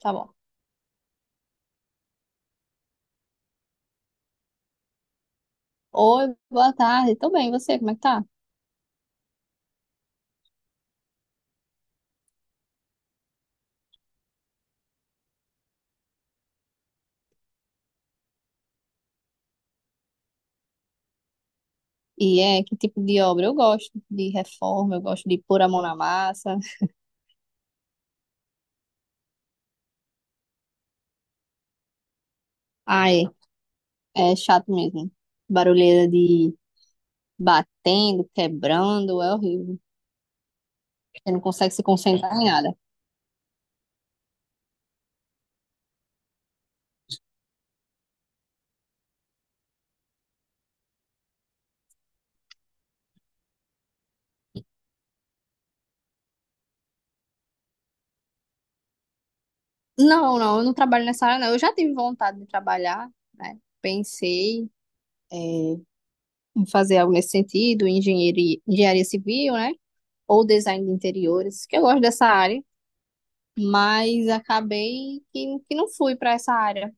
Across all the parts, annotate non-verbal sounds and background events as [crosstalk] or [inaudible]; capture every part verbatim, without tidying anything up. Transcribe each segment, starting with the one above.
Tá bom. Oi, boa tarde. Tô bem, e você, como é que tá? E é, que tipo de obra? Eu gosto de reforma, eu gosto de pôr a mão na massa. Ai, é chato mesmo. Barulheira de batendo, quebrando, é horrível. Você não consegue se concentrar em nada. Não, não, eu não trabalho nessa área, não. Eu já tive vontade de trabalhar, né? Pensei, é, em fazer algo nesse sentido, engenharia, engenharia civil, né? Ou design de interiores, que eu gosto dessa área. Mas acabei que, que não fui para essa área.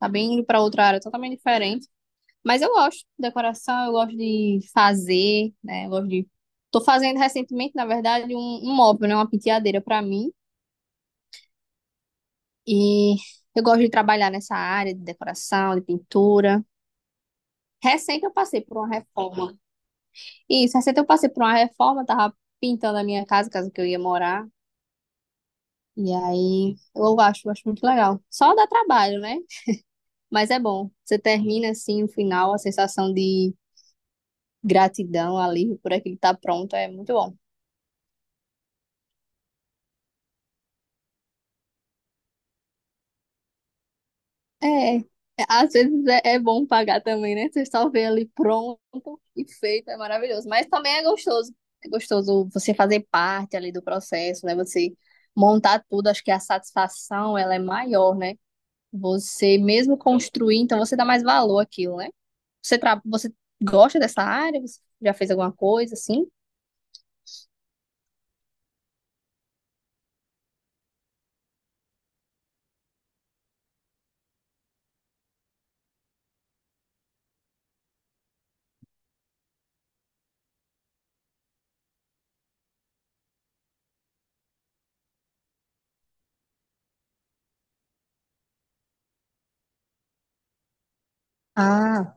Acabei indo para outra área totalmente diferente. Mas eu gosto de decoração, eu gosto de fazer, né? Eu gosto de. Tô fazendo recentemente, na verdade, um, um móvel, né? Uma penteadeira para mim. E eu gosto de trabalhar nessa área de decoração, de pintura. Recente eu passei por uma reforma. Isso, recente eu passei por uma reforma, tava pintando a minha casa, casa que eu ia morar. E aí eu acho, acho muito legal. Só dá trabalho, né? Mas é bom. Você termina assim o final, a sensação de gratidão, alívio por aquilo que tá pronto, é muito bom. É, é, Às vezes é, é bom pagar também, né? Você só vê ali pronto e feito, é maravilhoso. Mas também é gostoso. É gostoso você fazer parte ali do processo, né? Você montar tudo, acho que a satisfação ela é maior, né? Você mesmo construir, então você dá mais valor àquilo, né? Você, tra... você gosta dessa área? Você já fez alguma coisa assim? Ah,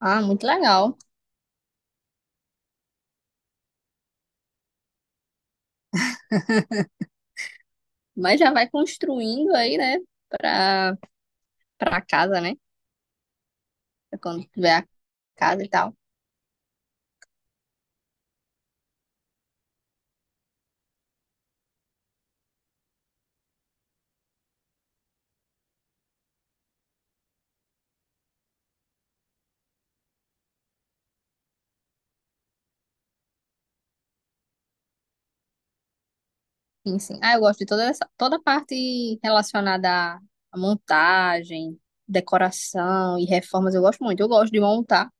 ah, muito legal. Mas já vai construindo aí, né? Pra, pra casa, né? Pra quando tiver a casa e tal. Enfim. Ah, eu gosto de toda essa, toda a parte relacionada à à montagem, decoração e reformas. Eu gosto muito. Eu gosto de montar.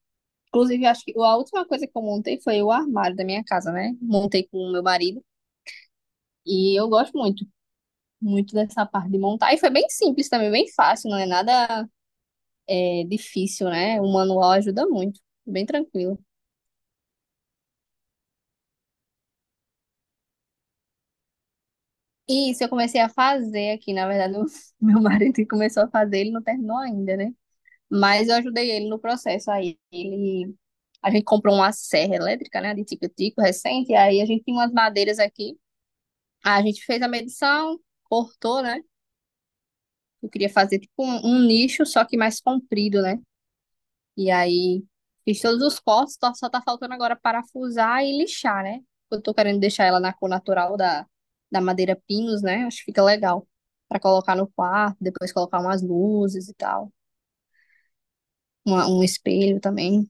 Inclusive, acho que a última coisa que eu montei foi o armário da minha casa, né? Montei com o meu marido. E eu gosto muito, muito dessa parte de montar. E foi bem simples também, bem fácil, não é nada é, difícil, né? O manual ajuda muito. Bem tranquilo. E isso, eu comecei a fazer aqui, na verdade, o [laughs] meu marido que começou a fazer, ele não terminou ainda, né? Mas eu ajudei ele no processo aí. Ele, a gente comprou uma serra elétrica, né, de tico-tico recente, aí a gente tinha umas madeiras aqui. Aí a gente fez a medição, cortou, né? Eu queria fazer tipo um, um nicho, só que mais comprido, né? E aí fiz todos os cortes, só só tá faltando agora parafusar e lixar, né? Eu tô querendo deixar ela na cor natural da, da madeira pinus, né? Acho que fica legal pra colocar no quarto, depois colocar umas luzes e tal, uma- um espelho também.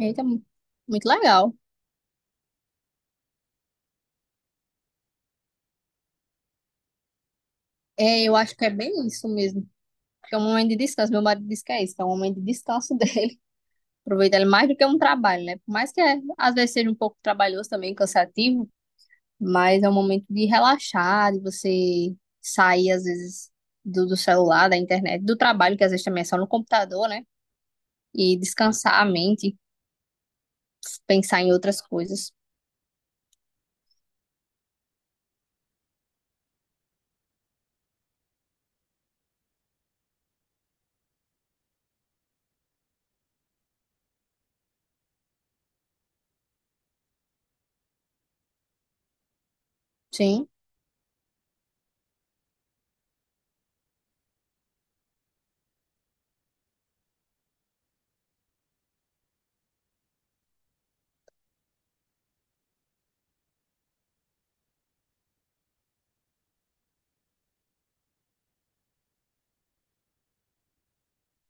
Eita, mu- muito legal. É, eu acho que é bem isso mesmo. Que é um momento de descanso. Meu marido diz que é isso, que é um momento de descanso [laughs] dele. Aproveitar ele mais do que um trabalho, né? Por mais que é, às vezes seja um pouco trabalhoso também, cansativo, mas é um momento de relaxar, de você sair, às vezes, do, do celular, da internet, do trabalho, que às vezes também é só no computador, né? E descansar a mente, pensar em outras coisas. Sim,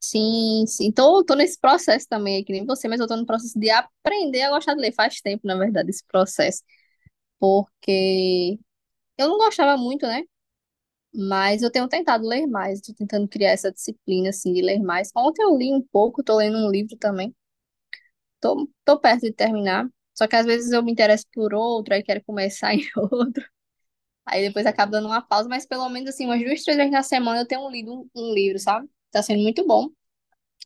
sim, sim. Tô, tô nesse processo também, é que nem você, mas eu tô no processo de aprender a gostar de ler. Faz tempo, na verdade, esse processo, porque eu não gostava muito, né? Mas eu tenho tentado ler mais, tô tentando criar essa disciplina, assim, de ler mais. Ontem eu li um pouco, tô lendo um livro também. Tô, tô perto de terminar. Só que às vezes eu me interesso por outro, aí quero começar em [laughs] outro. Aí depois acabo dando uma pausa, mas pelo menos assim, umas duas, três vezes na semana eu tenho lido um, um livro, sabe? Tá sendo muito bom.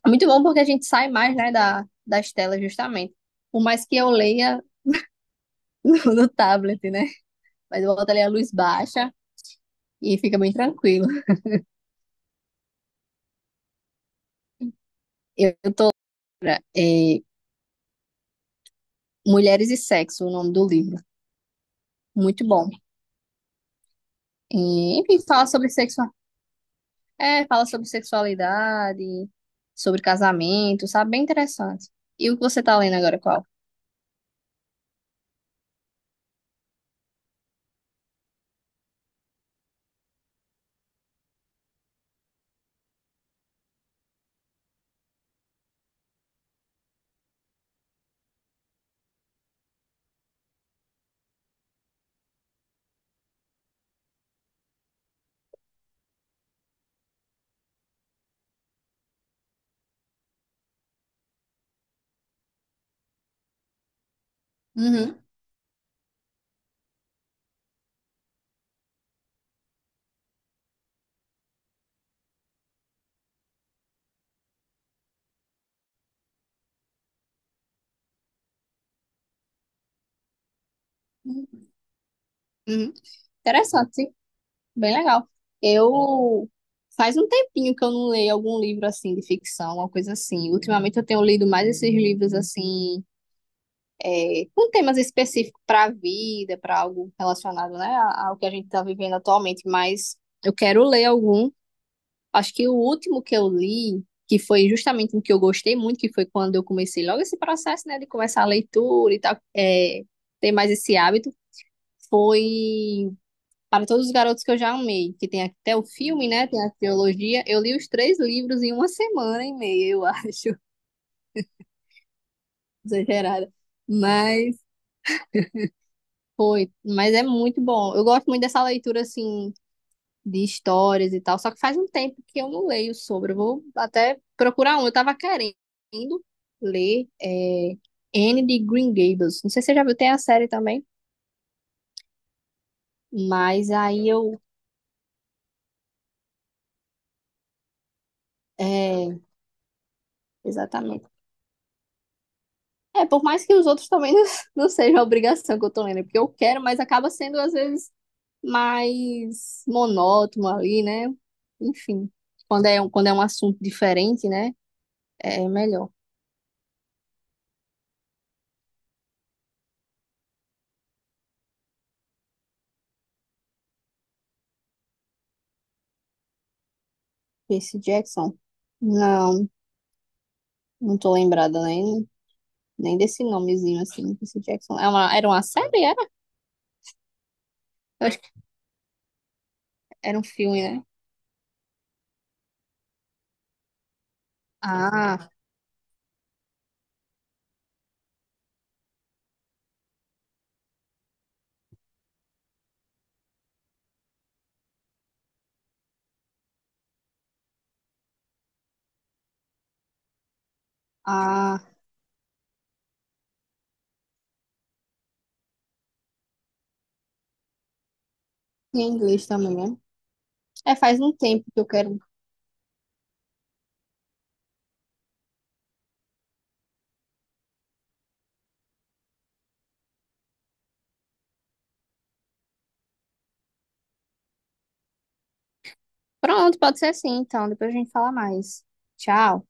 Muito bom porque a gente sai mais, né, da, das telas, justamente. Por mais que eu leia [laughs] no, no tablet, né? Mas eu boto ali a luz baixa e fica bem tranquilo. Eu, é, Mulheres e Sexo, o nome do livro. Muito bom. E, enfim, fala sobre sexo. É, fala sobre sexualidade, sobre casamento, sabe? Bem interessante. E o que você tá lendo agora, qual? Uhum. Uhum. Interessante, sim. Bem legal. Eu Faz um tempinho que eu não leio algum livro assim de ficção, uma coisa assim. Ultimamente eu tenho lido mais esses livros assim, é, com temas específicos para a vida, para algo relacionado, né, a- ao que a gente está vivendo atualmente, mas eu quero ler algum. Acho que o último que eu li, que foi justamente um que eu gostei muito, que foi quando eu comecei logo esse processo, né, de começar a leitura e tal, é, ter mais esse hábito, foi Para Todos os Garotos que eu já amei, que tem até o filme, né, tem a trilogia. Eu li os três livros em uma semana e meia, eu [laughs] acho, exagerada. Mas foi, mas é muito bom. Eu gosto muito dessa leitura, assim, de histórias e tal. Só que faz um tempo que eu não leio sobre. Eu vou até procurar um. Eu tava querendo ler é, Anne de Green Gables. Não sei se você já viu, tem a série também. Mas aí eu. É, exatamente. É, por mais que os outros também não, [laughs] não seja a obrigação que eu tô lendo, é porque eu quero, mas acaba sendo às vezes mais monótono ali, né? Enfim, quando é, um- quando é um assunto diferente, né? É melhor. Percy Jackson. Não, não tô lembrada, né? Nem desse nomezinho assim, Percy Jackson. É uma, era uma série, era? Eu acho que era um filme, né? Ah, ah, em inglês também, né? É, faz um tempo que eu quero. Pronto, pode ser assim, então. Depois a gente fala mais. Tchau.